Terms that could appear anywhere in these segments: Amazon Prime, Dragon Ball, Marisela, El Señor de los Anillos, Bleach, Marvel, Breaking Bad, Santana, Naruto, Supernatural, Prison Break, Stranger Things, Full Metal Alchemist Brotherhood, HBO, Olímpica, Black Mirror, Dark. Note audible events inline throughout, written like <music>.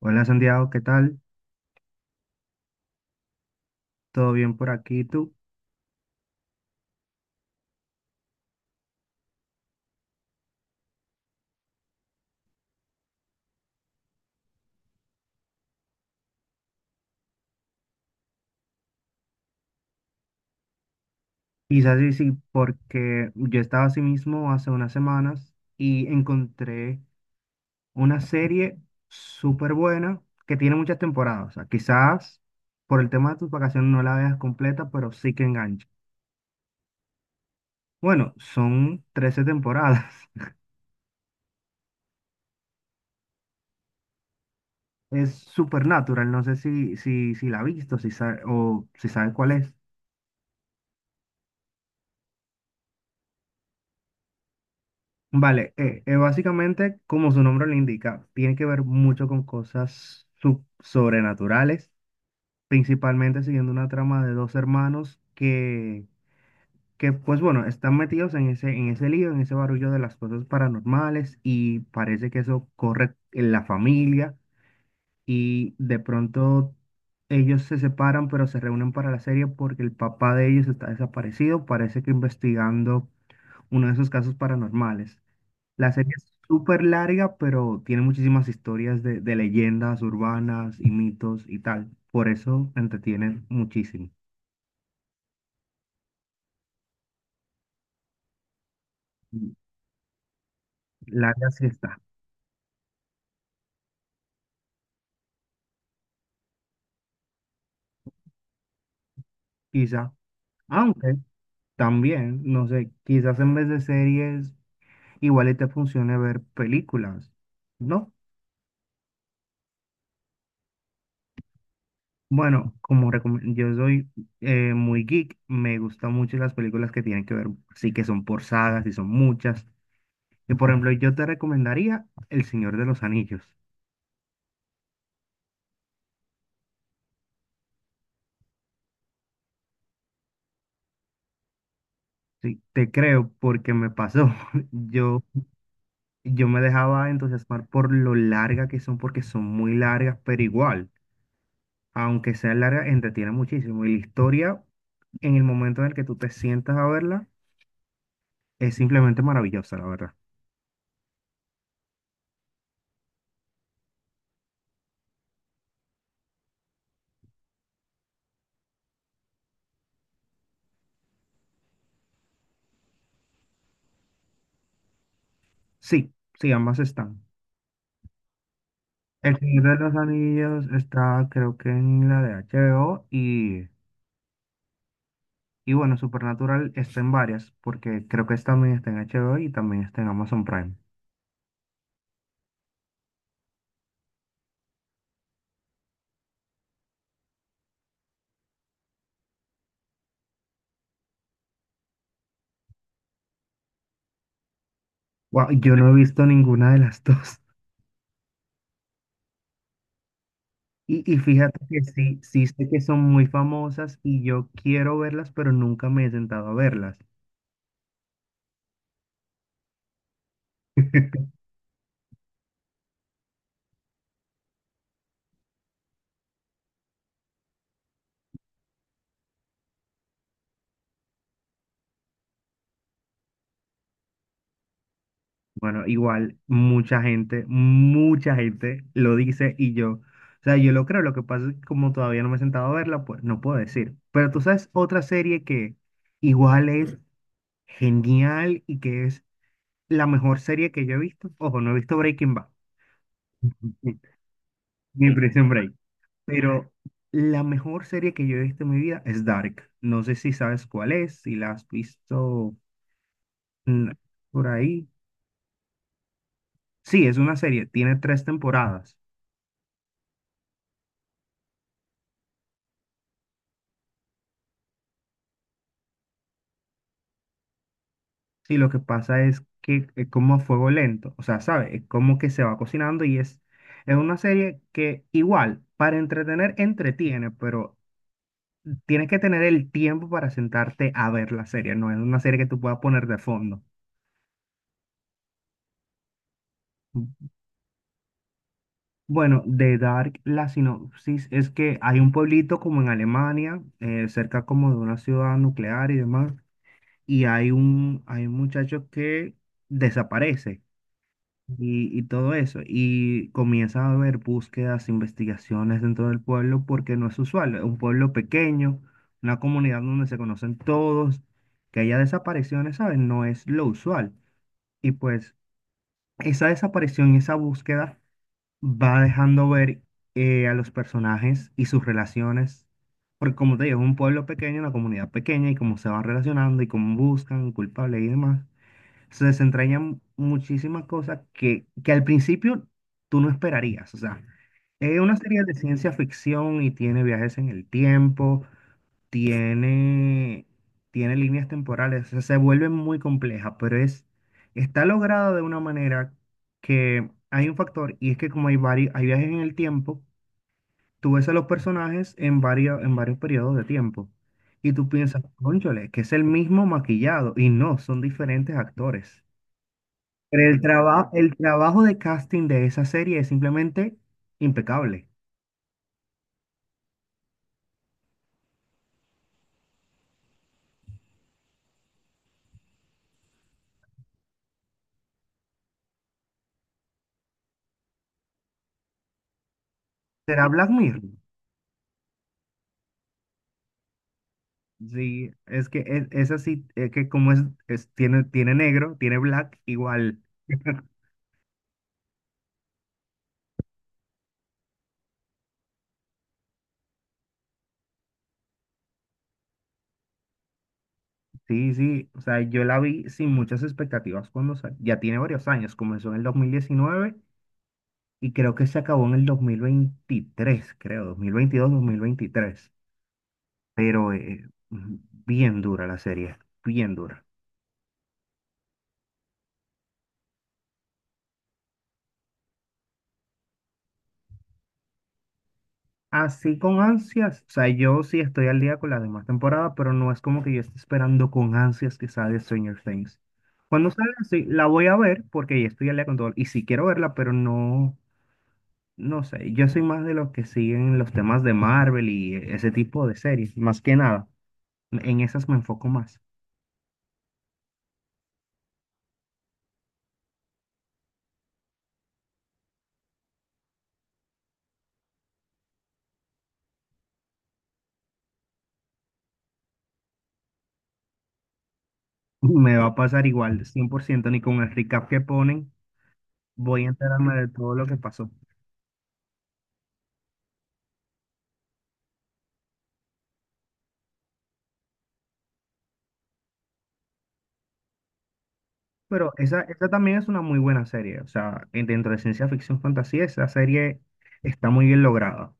Hola Santiago, ¿qué tal? ¿Todo bien por aquí? ¿Tú? Quizás sí, sí, porque yo estaba así mismo hace unas semanas y encontré una serie súper buena que tiene muchas temporadas. O sea, quizás por el tema de tus vacaciones no la veas completa, pero sí que engancha. Bueno, son 13 temporadas. <laughs> Es Supernatural, no sé si la has visto o si sabes cuál es. Vale, básicamente, como su nombre lo indica, tiene que ver mucho con cosas sobrenaturales, principalmente siguiendo una trama de dos hermanos que, pues bueno, están metidos en ese lío, en ese barullo de las cosas paranormales y parece que eso corre en la familia y de pronto ellos se separan, pero se reúnen para la serie porque el papá de ellos está desaparecido, parece que investigando uno de esos casos paranormales. La serie es súper larga, pero tiene muchísimas historias de leyendas urbanas y mitos y tal. Por eso entretienen muchísimo. Y larga sí está, quizá. Aunque también, no sé, quizás en vez de series, igual y te funcione ver películas, ¿no? Bueno, yo soy muy geek, me gustan mucho las películas que tienen que ver, sí que son por sagas y son muchas. Y por ejemplo, yo te recomendaría El Señor de los Anillos. Sí, te creo porque me pasó. <laughs> Yo, yo me dejaba entusiasmar por lo larga que son, porque son muy largas, pero igual, aunque sea larga, entretiene muchísimo. Y la historia, en el momento en el que tú te sientas a verla, es simplemente maravillosa, la verdad. Sí, sí, ambas están. El Señor de los Anillos está, creo que en la de HBO y bueno, Supernatural está en varias, porque creo que también está en HBO y también está en Amazon Prime. Wow, yo no he visto ninguna de las <laughs> dos. Y fíjate que sí, sí sé que son muy famosas y yo quiero verlas, pero nunca me he sentado a verlas. <laughs> Bueno, igual mucha gente lo dice y yo, o sea, yo lo creo, lo que pasa es que como todavía no me he sentado a verla, pues no puedo decir. Pero tú sabes otra serie que igual es genial y que es la mejor serie que yo he visto. Ojo, no he visto Breaking Bad. <laughs> ni Prison Break. Pero la mejor serie que yo he visto en mi vida es Dark. No sé si sabes cuál es, si la has visto mm, por ahí. Sí, es una serie, tiene tres temporadas. Sí, lo que pasa es que es como a fuego lento, o sea, ¿sabes? Es como que se va cocinando y es una serie que igual, para entretener, entretiene, pero tienes que tener el tiempo para sentarte a ver la serie. No es una serie que tú puedas poner de fondo. Bueno, de Dark, la sinopsis es que hay un pueblito como en Alemania, cerca como de una ciudad nuclear y demás, y hay un muchacho que desaparece y todo eso, y comienza a haber búsquedas, investigaciones dentro del pueblo porque no es usual, es un pueblo pequeño, una comunidad donde se conocen todos, que haya desapariciones, ¿sabes? No es lo usual. Y pues esa desaparición, y esa búsqueda va dejando ver a los personajes y sus relaciones. Porque como te digo, es un pueblo pequeño, una comunidad pequeña y cómo se van relacionando y cómo buscan culpables y demás. Se desentrañan muchísimas cosas que al principio tú no esperarías. O sea, es una serie de ciencia ficción y tiene viajes en el tiempo, tiene, tiene líneas temporales, o sea, se vuelve muy compleja, pero es, está lograda de una manera que hay un factor, y es que como hay varios, hay viajes en el tiempo, tú ves a los personajes en en varios periodos de tiempo, y tú piensas, cónchale, que es el mismo maquillado, y no, son diferentes actores. Pero el trabajo de casting de esa serie es simplemente impecable. ¿Será Black Mirror? Sí, es que es así, es que tiene, tiene negro, tiene black, igual, sí, sí, o sea, yo la vi sin muchas expectativas cuando salió, ya tiene varios años, comenzó en el 2019 y creo que se acabó en el 2023, creo, 2022 2023, pero bien dura la serie, bien dura. Así con ansias, o sea, yo sí estoy al día con la demás temporada, pero no es como que yo esté esperando con ansias que salga Stranger Things. Cuando salga, sí, la voy a ver porque ya estoy al día con todo. Y sí quiero verla, pero no, no sé. Yo soy más de los que siguen los temas de Marvel y e, ese tipo de series, más que nada. En esas me enfoco más. <laughs> Me va a pasar igual, 100%. Ni con el recap que ponen, voy a enterarme de todo lo que pasó. Pero esa también es una muy buena serie. O sea, dentro de ciencia ficción fantasía, esa serie está muy bien lograda.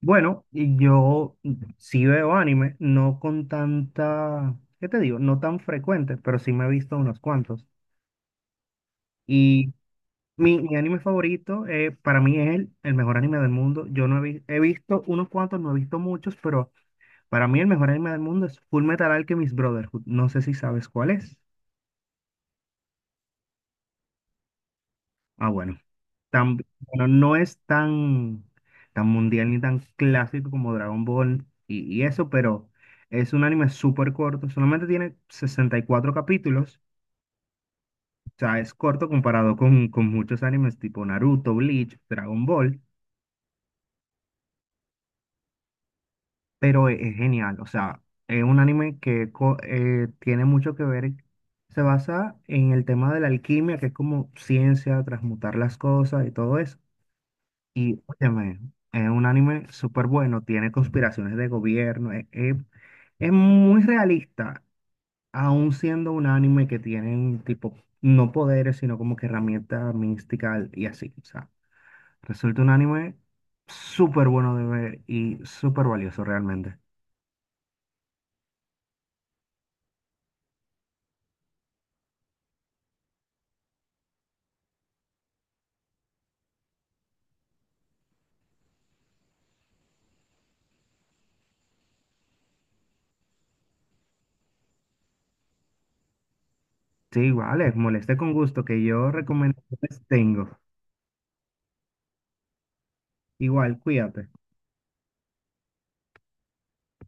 Bueno, y yo sí veo anime, no con tanta, ¿qué te digo? No tan frecuente, pero sí me he visto unos cuantos. Y mi anime favorito, para mí es el mejor anime del mundo. Yo no he, he visto unos cuantos, no he visto muchos, pero para mí el mejor anime del mundo es Full Metal Alchemist Brotherhood. No sé si sabes cuál es. Ah, bueno. Bueno, no es tan, tan mundial ni tan clásico como Dragon Ball y eso, pero es un anime súper corto. Solamente tiene 64 capítulos. O sea, es corto comparado con muchos animes tipo Naruto, Bleach, Dragon Ball, pero es genial. O sea, es un anime que tiene mucho que ver. Se basa en el tema de la alquimia, que es como ciencia, transmutar las cosas y todo eso. Y óyeme, es un anime súper bueno, tiene conspiraciones de gobierno, es muy realista, aún siendo un anime que tienen tipo, no poderes, sino como que herramientas místicas y así. O sea, resulta un anime súper bueno de ver y súper valioso realmente. Sí, igual, es moleste con gusto que yo recomendaciones tengo. Igual, cuídate.